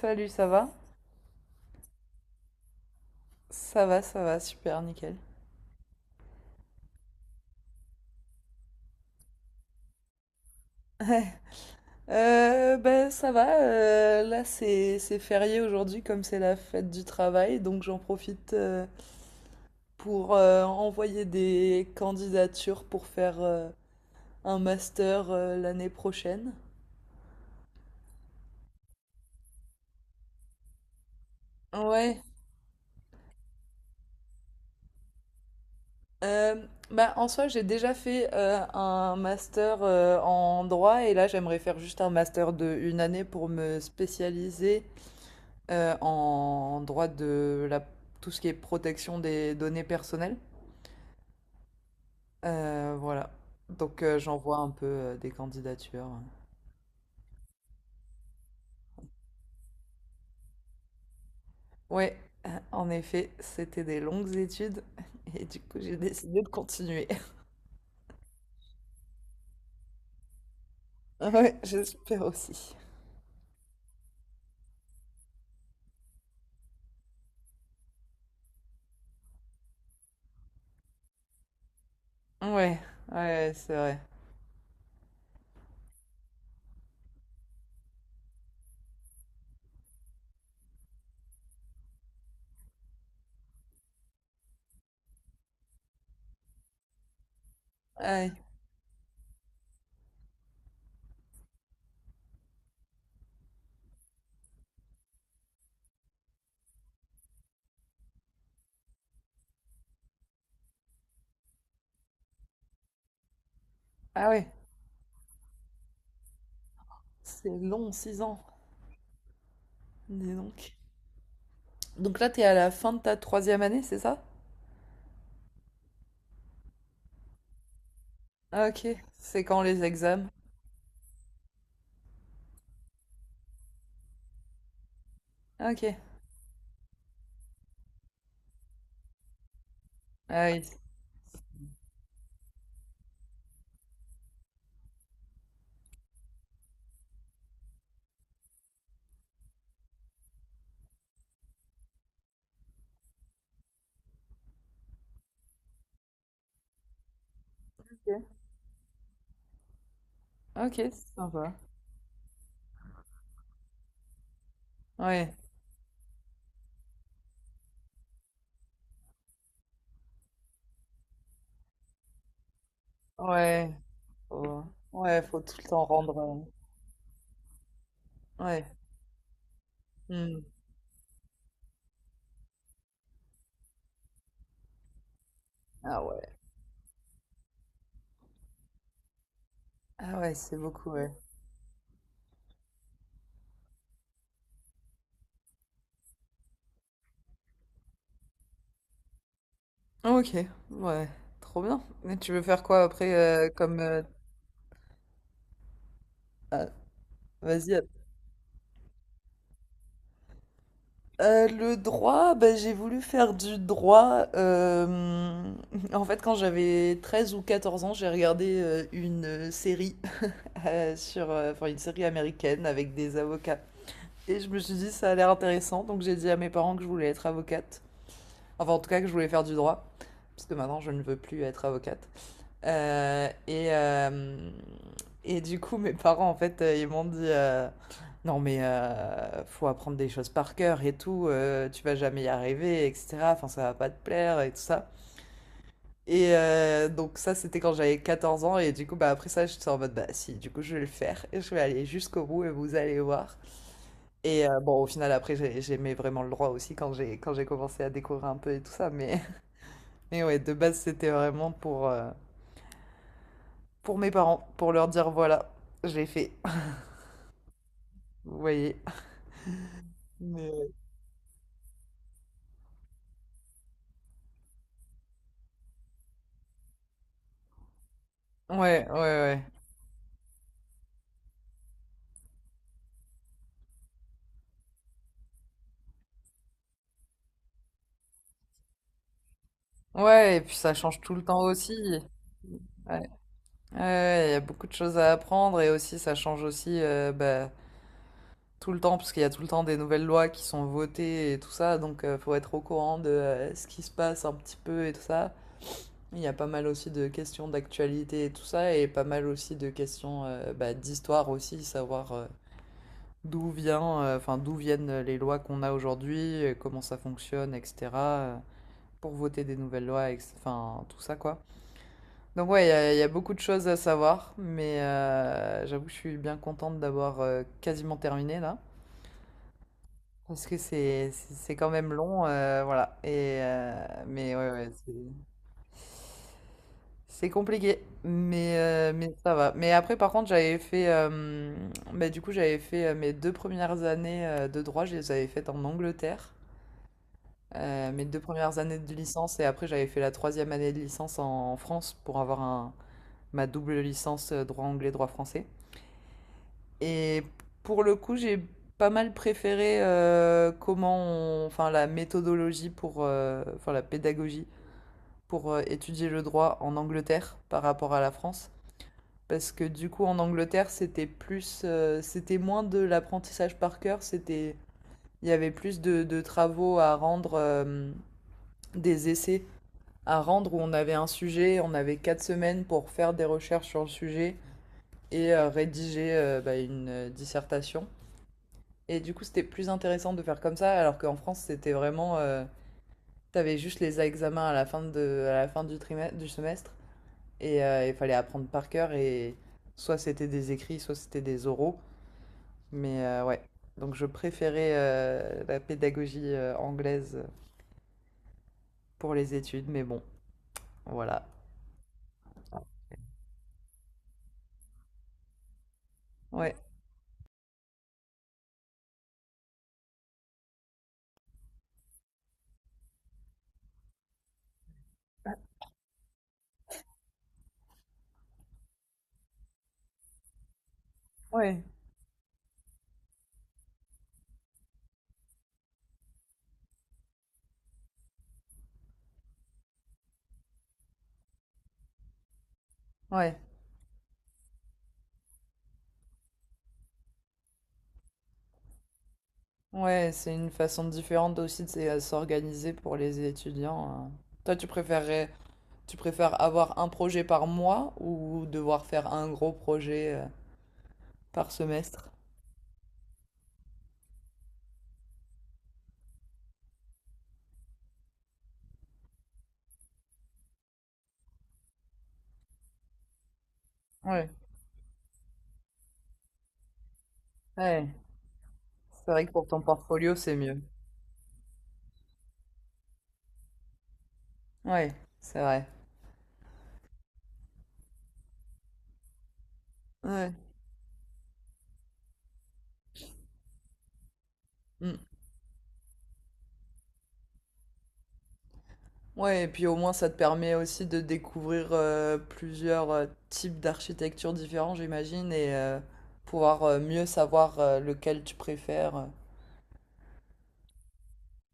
Salut, ça va? Ça va, ça va, super, nickel. Ben ça va, là c'est férié aujourd'hui comme c'est la fête du travail, donc j'en profite pour envoyer des candidatures pour faire un master l'année prochaine. Ouais, euh, bah en soi j'ai déjà fait un master en droit et là j'aimerais faire juste un master de une année pour me spécialiser en droit de la, tout ce qui est protection des données personnelles. Voilà. Donc j'envoie un peu des candidatures. Ouais, en effet, c'était des longues études et du coup j'ai décidé de continuer. Ouais, j'espère aussi. Ouais, ouais, c'est vrai. Ouais. Ah ouais, c'est long, 6 ans. Dis donc. Donc là, t'es à la fin de ta troisième année, c'est ça? Ah, ok, c'est quand les examens? Ok. Ah oui. Ok, ok, c'est sympa. Ouais. Ouais, faut ouais, faut tout le temps rendre. Ouais. Mmh. Ah ouais. Ah ouais, c'est beaucoup, ouais. OK, ouais, trop bien. Mais tu veux faire quoi après? Comme, heu, vas-y, le droit, bah, j'ai voulu faire du droit, en fait, quand j'avais 13 ou 14 ans, j'ai regardé, une, série, sur, enfin, une série américaine avec des avocats et je me suis dit: «Ça a l'air intéressant», donc j'ai dit à mes parents que je voulais être avocate. Enfin, en tout cas, que je voulais faire du droit, puisque maintenant je ne veux plus être avocate. Euh, et, euh, et du coup, mes parents, en fait, ils m'ont dit non, mais faut apprendre des choses par cœur et tout, tu vas jamais y arriver, etc. Enfin, ça va pas te plaire et tout ça. Et donc, ça, c'était quand j'avais 14 ans, et du coup, bah, après ça, j'étais en mode bah, si, du coup, je vais le faire, et je vais aller jusqu'au bout, et vous allez voir. Et bon, au final, après, j'aimais vraiment le droit aussi quand j'ai commencé à découvrir un peu et tout ça, mais. Mais ouais, de base, c'était vraiment pour mes parents, pour leur dire voilà, j'ai fait. Vous voyez. Mais... Ouais, ouais, ouais. Ouais, et puis ça change tout le temps aussi. Ouais, ouais, ouais, il y a beaucoup de choses à apprendre et aussi ça change aussi bah, tout le temps parce qu'il y a tout le temps des nouvelles lois qui sont votées et tout ça, donc il faut être au courant de ce qui se passe un petit peu et tout ça. Il y a pas mal aussi de questions d'actualité et tout ça et pas mal aussi de questions bah, d'histoire aussi, savoir enfin, d'où viennent les lois qu'on a aujourd'hui, comment ça fonctionne, etc. euh, pour voter des nouvelles lois, enfin, tout ça, quoi. Donc, ouais, il y a beaucoup de choses à savoir, mais j'avoue que je suis bien contente d'avoir quasiment terminé là. Parce que c'est quand même long, voilà. Mais ouais, ouais, c'est compliqué, mais ça va. Mais après, par contre, j'avais fait, bah, du coup, j'avais fait mes 2 premières années de droit, je les avais faites en Angleterre. Mes 2 premières années de licence et après j'avais fait la troisième année de licence en France pour avoir ma double licence droit anglais, droit français. Et pour le coup, j'ai pas mal préféré enfin la méthodologie enfin la pédagogie pour étudier le droit en Angleterre par rapport à la France. Parce que du coup, en Angleterre, c'était moins de l'apprentissage par cœur, c'était, il y avait plus de travaux à rendre, des essais à rendre où on avait un sujet, on avait 4 semaines pour faire des recherches sur le sujet et rédiger une dissertation. Et du coup, c'était plus intéressant de faire comme ça, alors qu'en France, c'était vraiment. T'avais juste les examens à la fin, à la fin du trimestre, du semestre et il fallait apprendre par cœur et soit c'était des écrits, soit c'était des oraux. Ouais, donc je préférais la pédagogie anglaise pour les études, mais bon, voilà. Ouais, ouais, ouais. Ouais, c'est une façon différente aussi de s'organiser pour les étudiants, hein. Toi, tu préfères avoir un projet par mois ou devoir faire un gros projet par semestre? Ouais, ouais. C'est vrai que pour ton portfolio, c'est mieux. Ouais, c'est vrai. Ouais. Mm. Ouais, et puis au moins, ça te permet aussi de découvrir plusieurs types d'architecture différents, j'imagine, et pouvoir mieux savoir lequel tu préfères.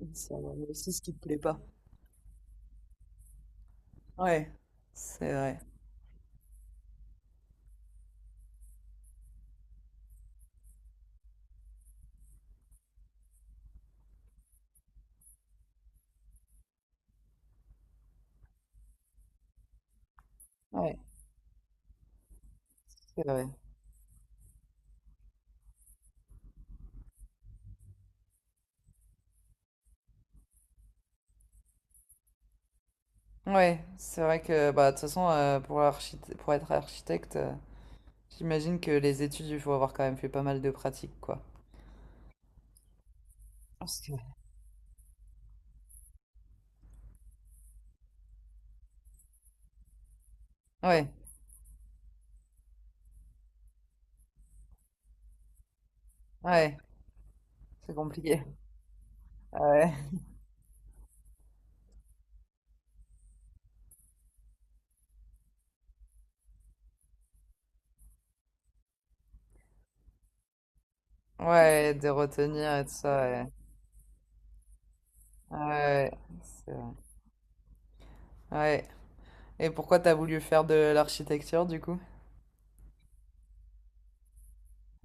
Et savoir aussi ce qui te plaît pas. Ouais, c'est vrai. Ouais, c'est vrai. Ouais, c'est vrai que bah, de toute façon, pour être architecte, j'imagine que les études, il faut avoir quand même fait pas mal de pratiques, quoi. Parce que- Ouais, ouais, c'est compliqué. Ouais, ouais, de retenir et tout ça, ouais. Ouais, c'est vrai. Ouais. Et pourquoi t'as voulu faire de l'architecture, du coup?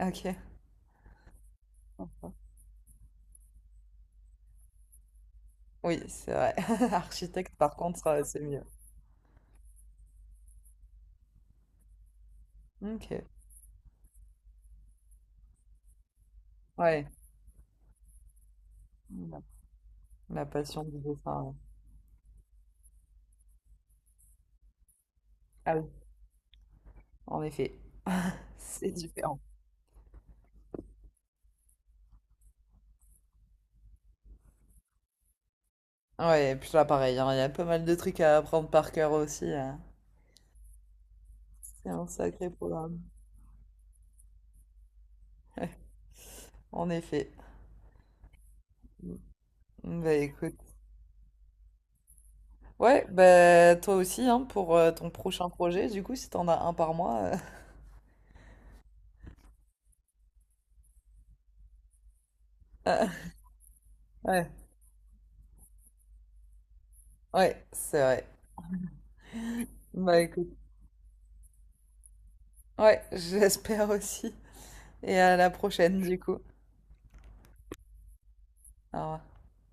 Ok. Oui, c'est vrai. Architecte, par contre, c'est mieux. Ok. Ouais. La la passion du dessin, ouais. Ah oui, en effet. C'est différent. Ouais, et puis là, pareil, hein, il y a pas mal de trucs à apprendre par cœur aussi, hein. C'est un sacré programme. En effet. Mm, Bah écoute. Ouais, bah toi aussi, hein, pour ton prochain projet, du coup, si t'en as un par mois. euh, Ouais, ouais, c'est vrai. Bah écoute, ouais, j'espère aussi. Et à la prochaine, du coup. Au revoir.